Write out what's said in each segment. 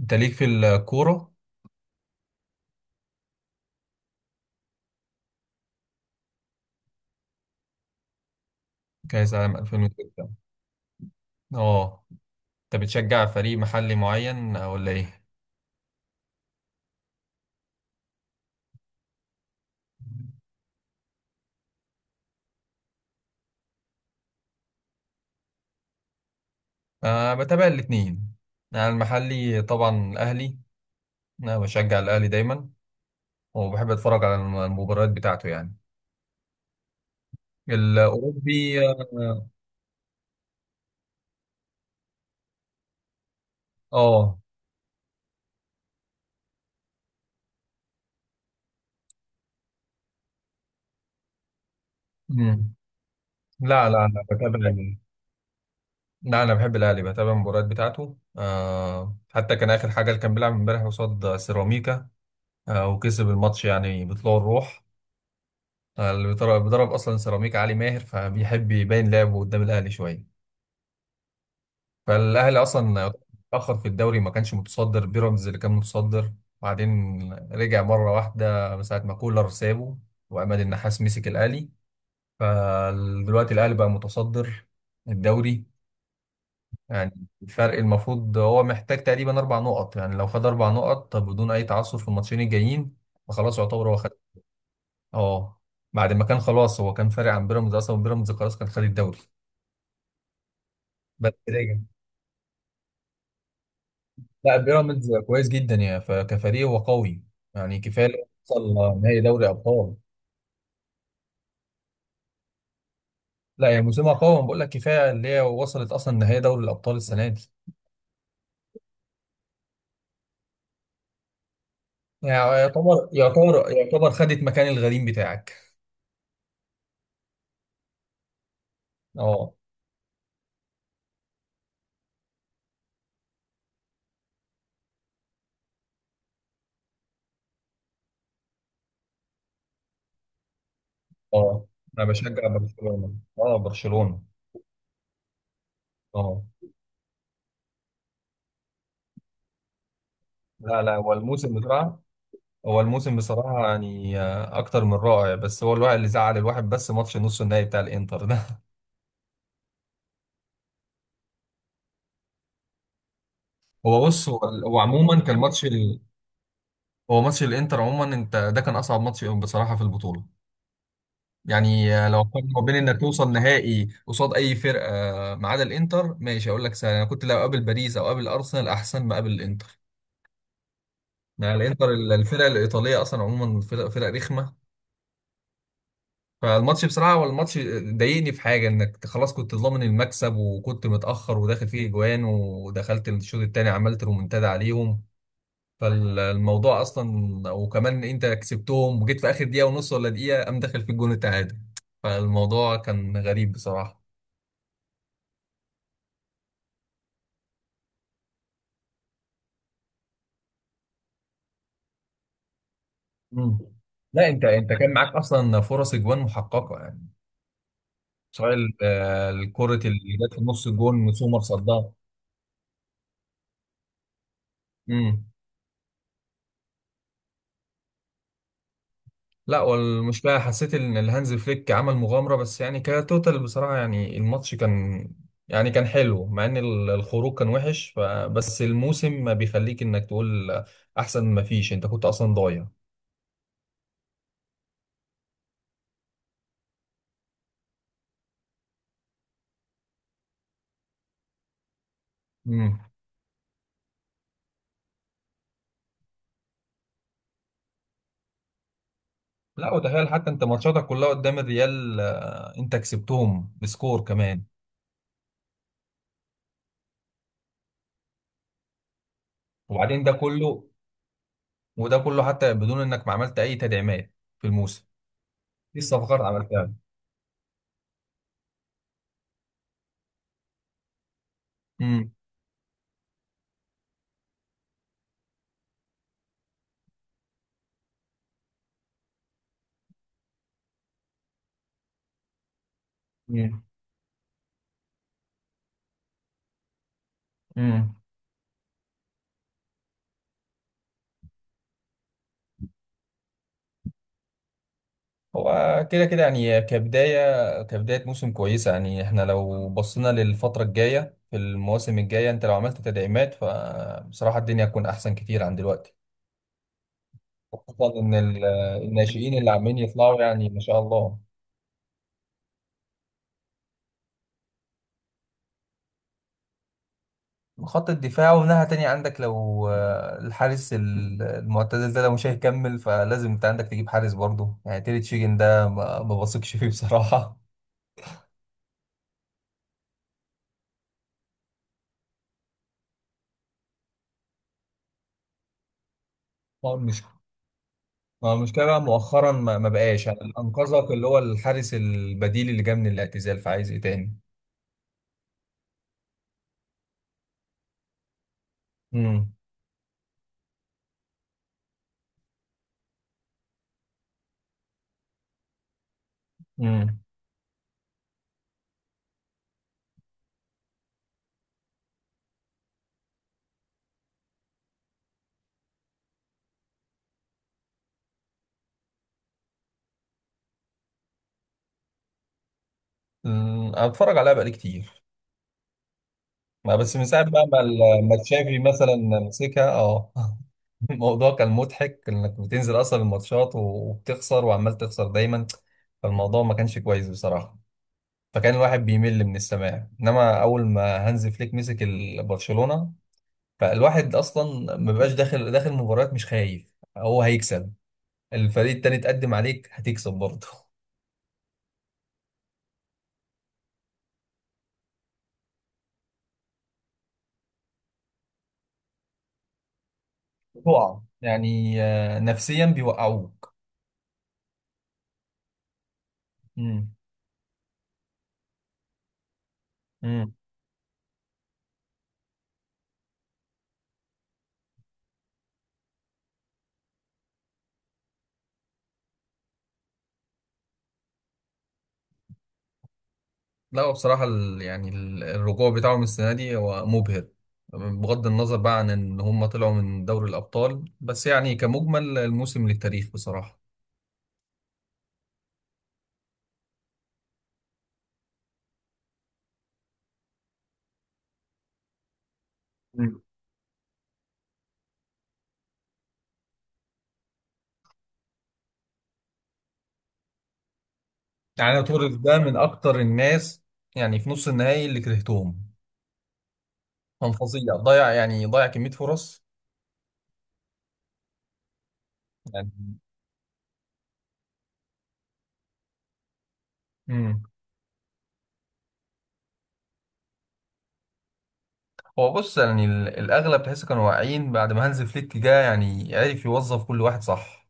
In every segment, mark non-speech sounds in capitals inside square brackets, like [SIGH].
انت ليك في الكورة؟ كأس عام 2006. اه. انت بتشجع فريق محلي معين ولا ايه؟ أه، بتابع الاتنين. انا المحلي طبعا الاهلي، انا بشجع الاهلي دايما وبحب اتفرج على المباريات بتاعته يعني. الاوروبي اه. آه، مم. لا لا، انا بتابع لا، انا بحب الاهلي، بتابع المباريات بتاعته. حتى كان اخر حاجه اللي كان بيلعب امبارح قصاد سيراميكا. وكسب الماتش يعني بطلوع الروح. اللي بيضرب بيضرب اصلا سيراميك، علي ماهر، فبيحب يبين لعبه قدام الاهلي شويه. فالاهلي اصلا اتاخر في الدوري، ما كانش متصدر، بيراميدز اللي كان متصدر، وبعدين رجع مره واحده من ساعه ما كولر سابه وعماد النحاس مسك الاهلي، فدلوقتي الاهلي بقى متصدر الدوري. يعني الفرق المفروض هو محتاج تقريبا اربع نقط، يعني لو خد اربع نقط طب بدون اي تعثر في الماتشين الجايين فخلاص يعتبر هو خد. اه. بعد ما كان خلاص هو كان فارق عن بيراميدز، اصلا بيراميدز خلاص كان خد الدوري. بكتيريا. لا، بيراميدز كويس جدا، كفريق هو قوي. يعني كفايه اللي وصل نهائي دوري ابطال. لا، هي موسمها قوي، أنا بقول لك كفايه اللي هي وصلت اصلا نهائي دوري الابطال السنه دي. يعني يعتبر خدت مكان الغريم بتاعك. اه. اه، انا بشجع برشلونه، اه برشلونه. اه. لا لا، هو الموسم بصراحه يعني اكتر من رائع. بس هو الواحد اللي زعل الواحد بس ماتش نص النهائي بتاع الانتر ده. [LAUGHS] هو بص هو هو عموما كان هو ماتش الانتر عموما. انت ده كان اصعب ماتش بصراحه في البطوله. يعني لو قارن ما بين انك توصل نهائي قصاد اي فرقه ما عدا الانتر، ماشي، اقول لك سهل. انا كنت لو قابل باريس او قابل ارسنال احسن ما قابل الانتر. يعني الانتر الفرقه الايطاليه اصلا عموما، فرق رخمه. فالماتش بصراحه هو الماتش ضايقني في حاجه، انك خلاص كنت ضامن المكسب وكنت متاخر وداخل فيه اجوان ودخلت الشوط الثاني عملت رومنتادا عليهم. فالموضوع اصلا، وكمان انت كسبتهم وجيت في اخر دقيقه ونص ولا دقيقه قام داخل في الجون التعادل. فالموضوع كان غريب بصراحه. مم. لا، انت كان معاك اصلا فرص اجوان محققه يعني. سواء الكره اللي جت في نص الجون سومر صدها. مم. لا، والمشكلة حسيت ان الهانز فليك عمل مغامرة، بس يعني كتوتال بصراحة. يعني الماتش كان يعني كان حلو مع ان الخروج كان وحش بس الموسم ما بيخليك انك تقول احسن ما فيش، انت كنت اصلا ضايع. مم. لا، وتخيل حتى انت ماتشاتك كلها قدام الريال، انت كسبتهم بسكور كمان. وبعدين ده كله وده كله حتى بدون انك ما عملت اي تدعيمات في الموسم. دي الصفقات اللي عملتها. امم. امم. هو كده كده يعني، كبداية موسم كويسة. يعني احنا لو بصينا للفترة الجاية في المواسم الجاية انت لو عملت تدعيمات فبصراحة الدنيا هتكون أحسن كتير عن دلوقتي. خصوصا إن الناشئين اللي عمالين يطلعوا يعني ما شاء الله. خط الدفاع ومن ناحية تانية عندك، لو الحارس المعتزل ده لو مش هيكمل فلازم انت عندك تجيب حارس برضه. يعني تيري تشيجن ده ما بثقش فيه بصراحة. [LAUGHS] ما هو المشكلة بقى مؤخرا ما بقاش، يعني اللي أنقذك اللي هو الحارس البديل اللي جه من الاعتزال، فعايز إيه تاني؟ امم. امم. أمم، أتفرج عليها بقالي كتير. ما بس من ساعة بقى ما ما تشافي مثلا مسكها، أه. [LAUGHS] الموضوع كان مضحك إنك بتنزل أصلا الماتشات وبتخسر وعمال تخسر دايما. فالموضوع ما كانش كويس بصراحة، فكان الواحد بيمل من السماع. إنما أول ما هانز فليك مسك برشلونة فالواحد أصلا ما بقاش داخل مباريات مش خايف هو هيكسب. الفريق التاني تقدم عليك هتكسب برضه، تقع يعني نفسيا بيوقعوك. امم. امم. لا، هو بصراحة الرجوع بتاعهم السنة دي هو مبهر. بغض النظر بقى عن ان هم طلعوا من دوري الابطال، بس يعني كمجمل الموسم للتاريخ بصراحة. مم. يعني أنا توريس ده من اكتر الناس يعني في نص النهائي اللي كرهتهم. كان فظيع، ضيع يعني، ضيع كمية فرص يعني. امم. هو بص، يعني الأغلب تحس كانوا واعيين بعد ما هانز فليك جه. يعني عرف يوظف كل واحد صح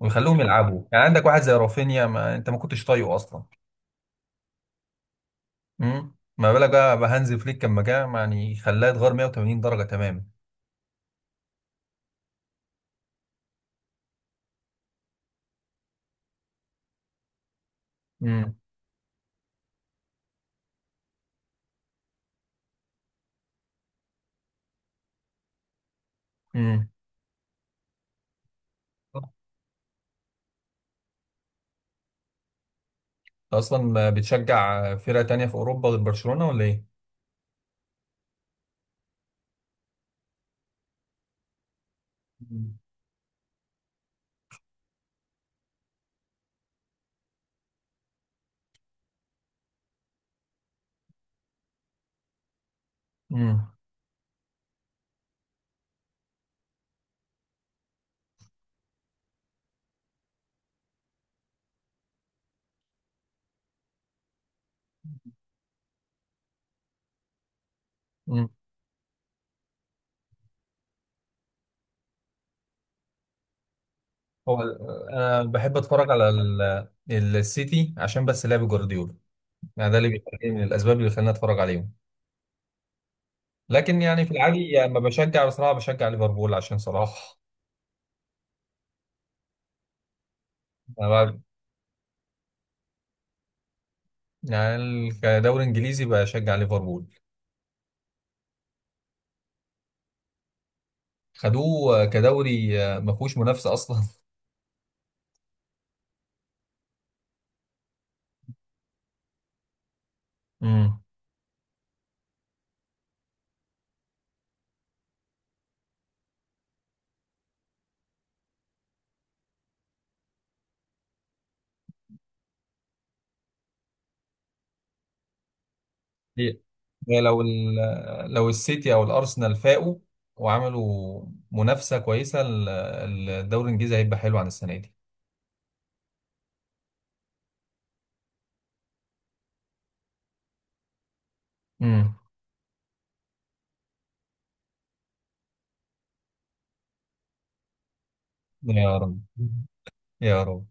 ويخلوهم يلعبوا. يعني عندك واحد زي رافينيا، ما أنت ما كنتش طايقه أصلا. امم. ما بالك بقى بهانز فليك لما جه يعني خلاه يتغير 180 درجة تماما. امم. امم. أصلا بتشجع فرقة تانية في أوروبا غير برشلونة ولا إيه؟ مم. امم. امم. هو ال- انا بحب اتفرج على السيتي عشان بس لعب جوارديولا، يعني ده اللي بيخليني، من الاسباب اللي خلاني اتفرج عليهم. لكن يعني في العادي لما بشجع بصراحة بشجع ليفربول عشان صلاح. أنا ب- يعني كدوري انجليزي بشجع ليفربول. خدوه كدوري ما فيهوش منافسة اصلا. [LAUGHS] امم. هي هي لو لو السيتي او الارسنال فاقوا وعملوا منافسة كويسة الدوري الانجليزي هيبقى حلو عن السنة دي. امم. يا رب، يا رب.